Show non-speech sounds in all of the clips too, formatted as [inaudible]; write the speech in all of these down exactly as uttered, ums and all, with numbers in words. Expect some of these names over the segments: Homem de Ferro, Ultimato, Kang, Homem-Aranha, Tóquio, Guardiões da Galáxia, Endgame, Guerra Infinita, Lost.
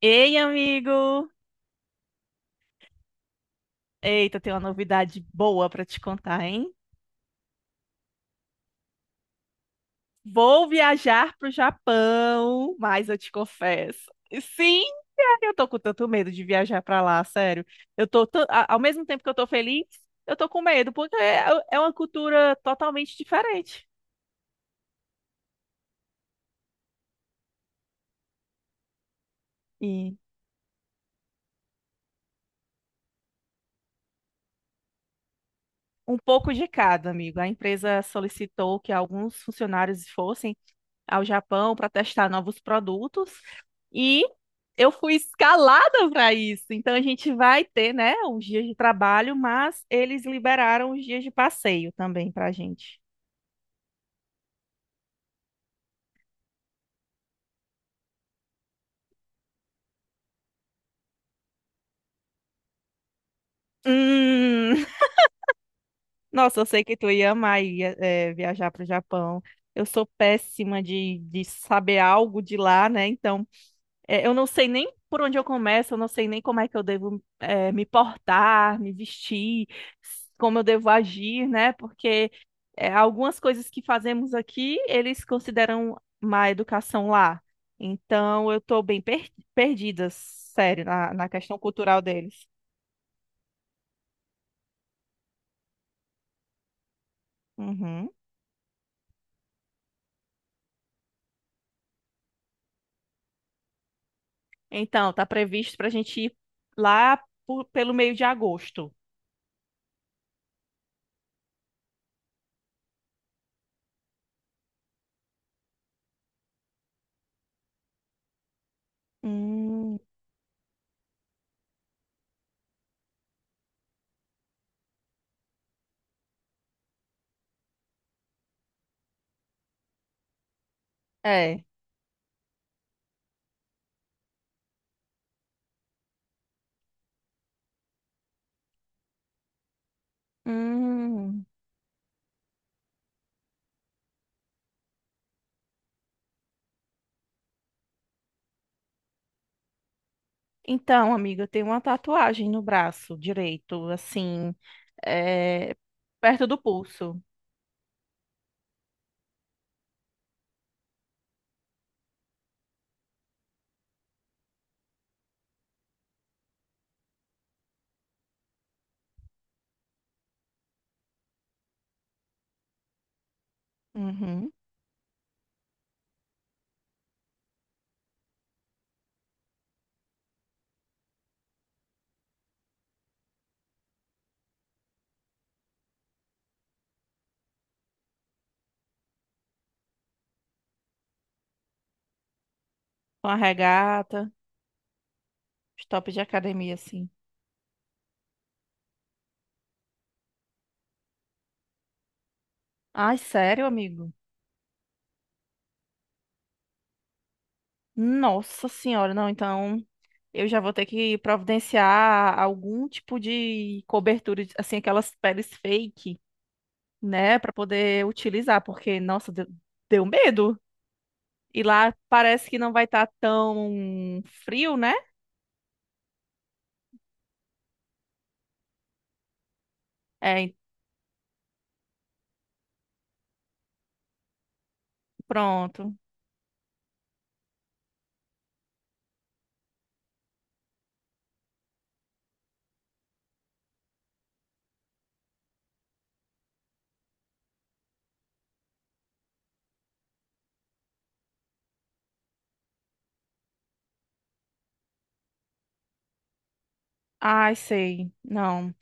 Ei, amigo! Eita, tem uma novidade boa para te contar, hein? Vou viajar pro Japão, mas eu te confesso. Sim, cara, eu tô com tanto medo de viajar para lá, sério. Eu tô, tan- a- Ao mesmo tempo que eu tô feliz, eu tô com medo, porque é, é uma cultura totalmente diferente. E um pouco de cada, amigo. A empresa solicitou que alguns funcionários fossem ao Japão para testar novos produtos e eu fui escalada para isso. Então a gente vai ter, né, os dias de trabalho, mas eles liberaram os dias de passeio também para a gente. Hum, nossa, eu sei que tu ia amar ir, eh, viajar para o Japão. Eu sou péssima de, de saber algo de lá, né? Então é, eu não sei nem por onde eu começo, eu não sei nem como é que eu devo, é, me portar, me vestir, s- como eu devo agir, né? Porque é, algumas coisas que fazemos aqui, eles consideram má educação lá. Então, eu estou bem per- perdida, sério, na, na questão cultural deles. Uhum. Então, tá previsto para a gente ir lá por- pelo meio de agosto. Hum, é. Hum. Então, amiga, eu tenho uma tatuagem no braço direito, assim, é, perto do pulso. Uhum. Uma regata, os top de academia, assim. Ai, sério, amigo? Nossa senhora, não, então eu já vou ter que providenciar algum tipo de cobertura, de- assim, aquelas peles fake, né, pra poder utilizar, porque, nossa, deu, deu medo. E lá parece que não vai estar tão frio, né? É, pronto. Ai, sei. Não.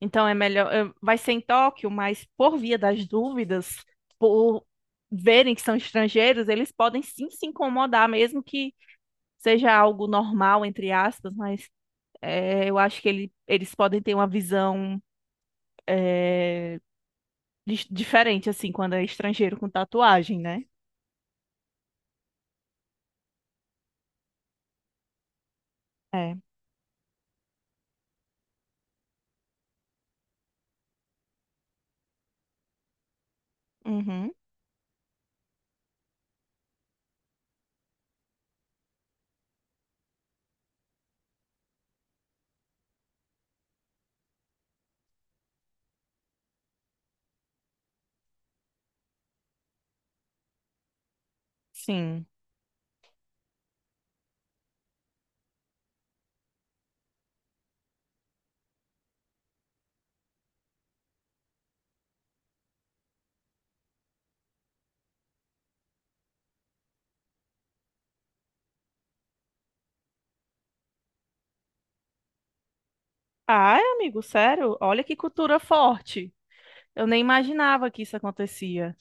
Então é melhor. eu- Vai ser em Tóquio, mas por via das dúvidas, por verem que são estrangeiros, eles podem sim se incomodar, mesmo que seja algo normal, entre aspas, mas é, eu acho que ele- eles podem ter uma visão é, di- diferente, assim, quando é estrangeiro com tatuagem, né? É. Uhum. Sim. Ai, amigo, sério? Olha que cultura forte. Eu nem imaginava que isso acontecia.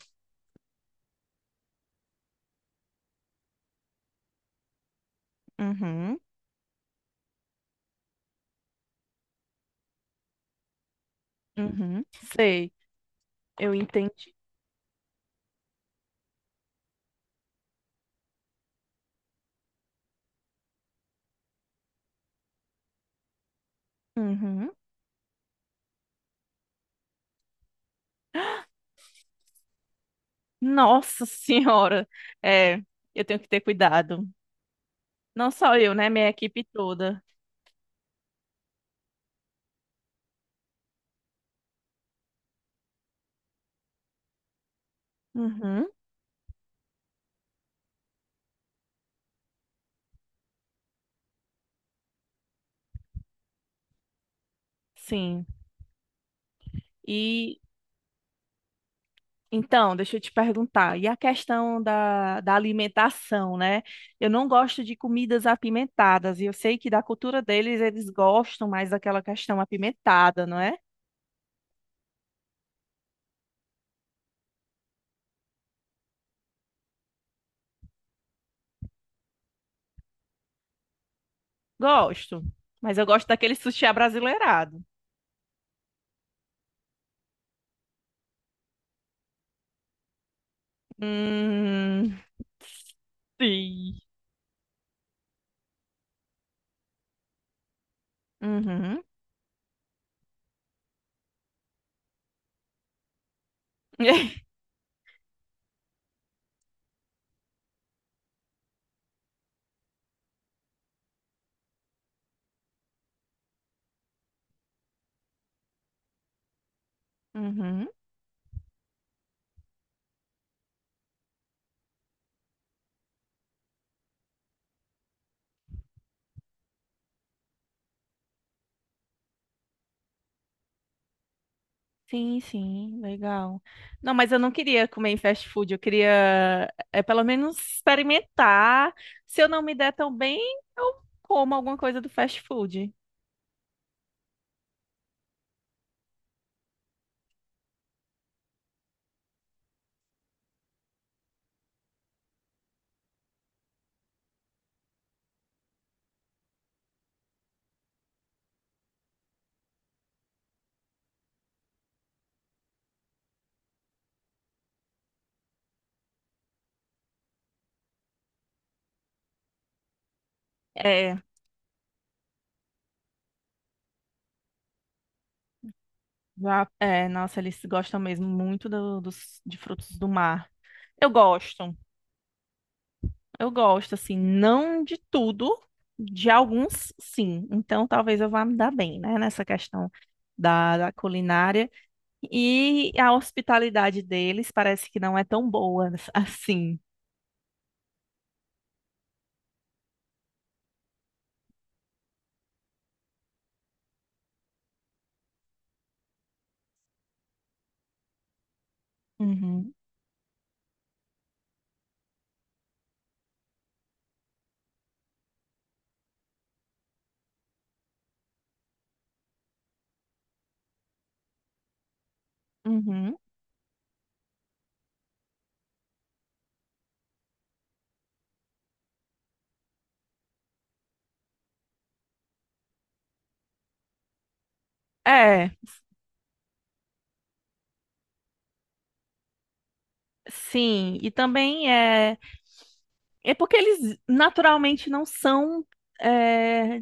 Uhum. Uhum. Sei. Eu entendi. Uhum. Nossa senhora, é, eu tenho que ter cuidado. Não só eu, né? Minha equipe toda. Uhum. Sim. E então, deixa eu te perguntar. E a questão da, da alimentação, né? Eu não gosto de comidas apimentadas. E eu sei que da cultura deles, eles gostam mais daquela questão apimentada, não é? Gosto. Mas eu gosto daquele sushi abrasileirado. Hum, sim. Uhum. [laughs] Uhum. Sim, sim, legal. Não, mas eu não queria comer em fast food, eu queria é, pelo menos experimentar. Se eu não me der tão bem, eu como alguma coisa do fast food. É, já, é, nossa, eles gostam mesmo muito do- dos, de frutos do mar. Eu gosto, eu gosto, assim, não de tudo, de alguns sim. Então talvez eu vá me dar bem, né, nessa questão da, da culinária. E a hospitalidade deles parece que não é tão boa [laughs] assim. Uhum. Uhum. É, sim, e também é, é porque eles naturalmente não são é,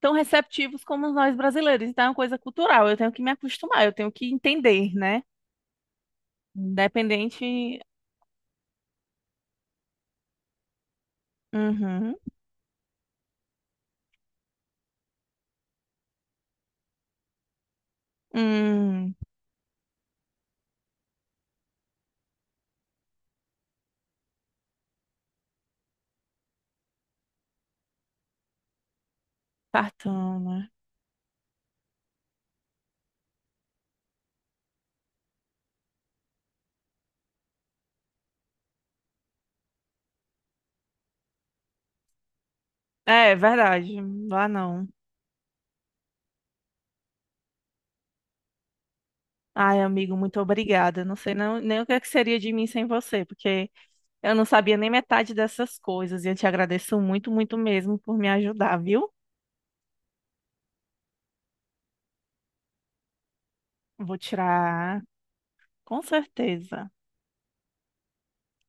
tão receptivos como nós brasileiros, então é uma coisa cultural, eu tenho que me acostumar, eu tenho que entender, né? Uhum. Independente. Uhum. Hum, Tartana. É, é verdade, lá não. Ai, amigo, muito obrigada. Não sei não, nem o que é que seria de mim sem você, porque eu não sabia nem metade dessas coisas e eu te agradeço muito, muito mesmo por me ajudar, viu? Vou tirar, com certeza.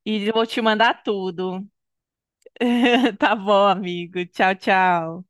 E vou te mandar tudo. [laughs] Tá bom, amigo. Tchau, tchau.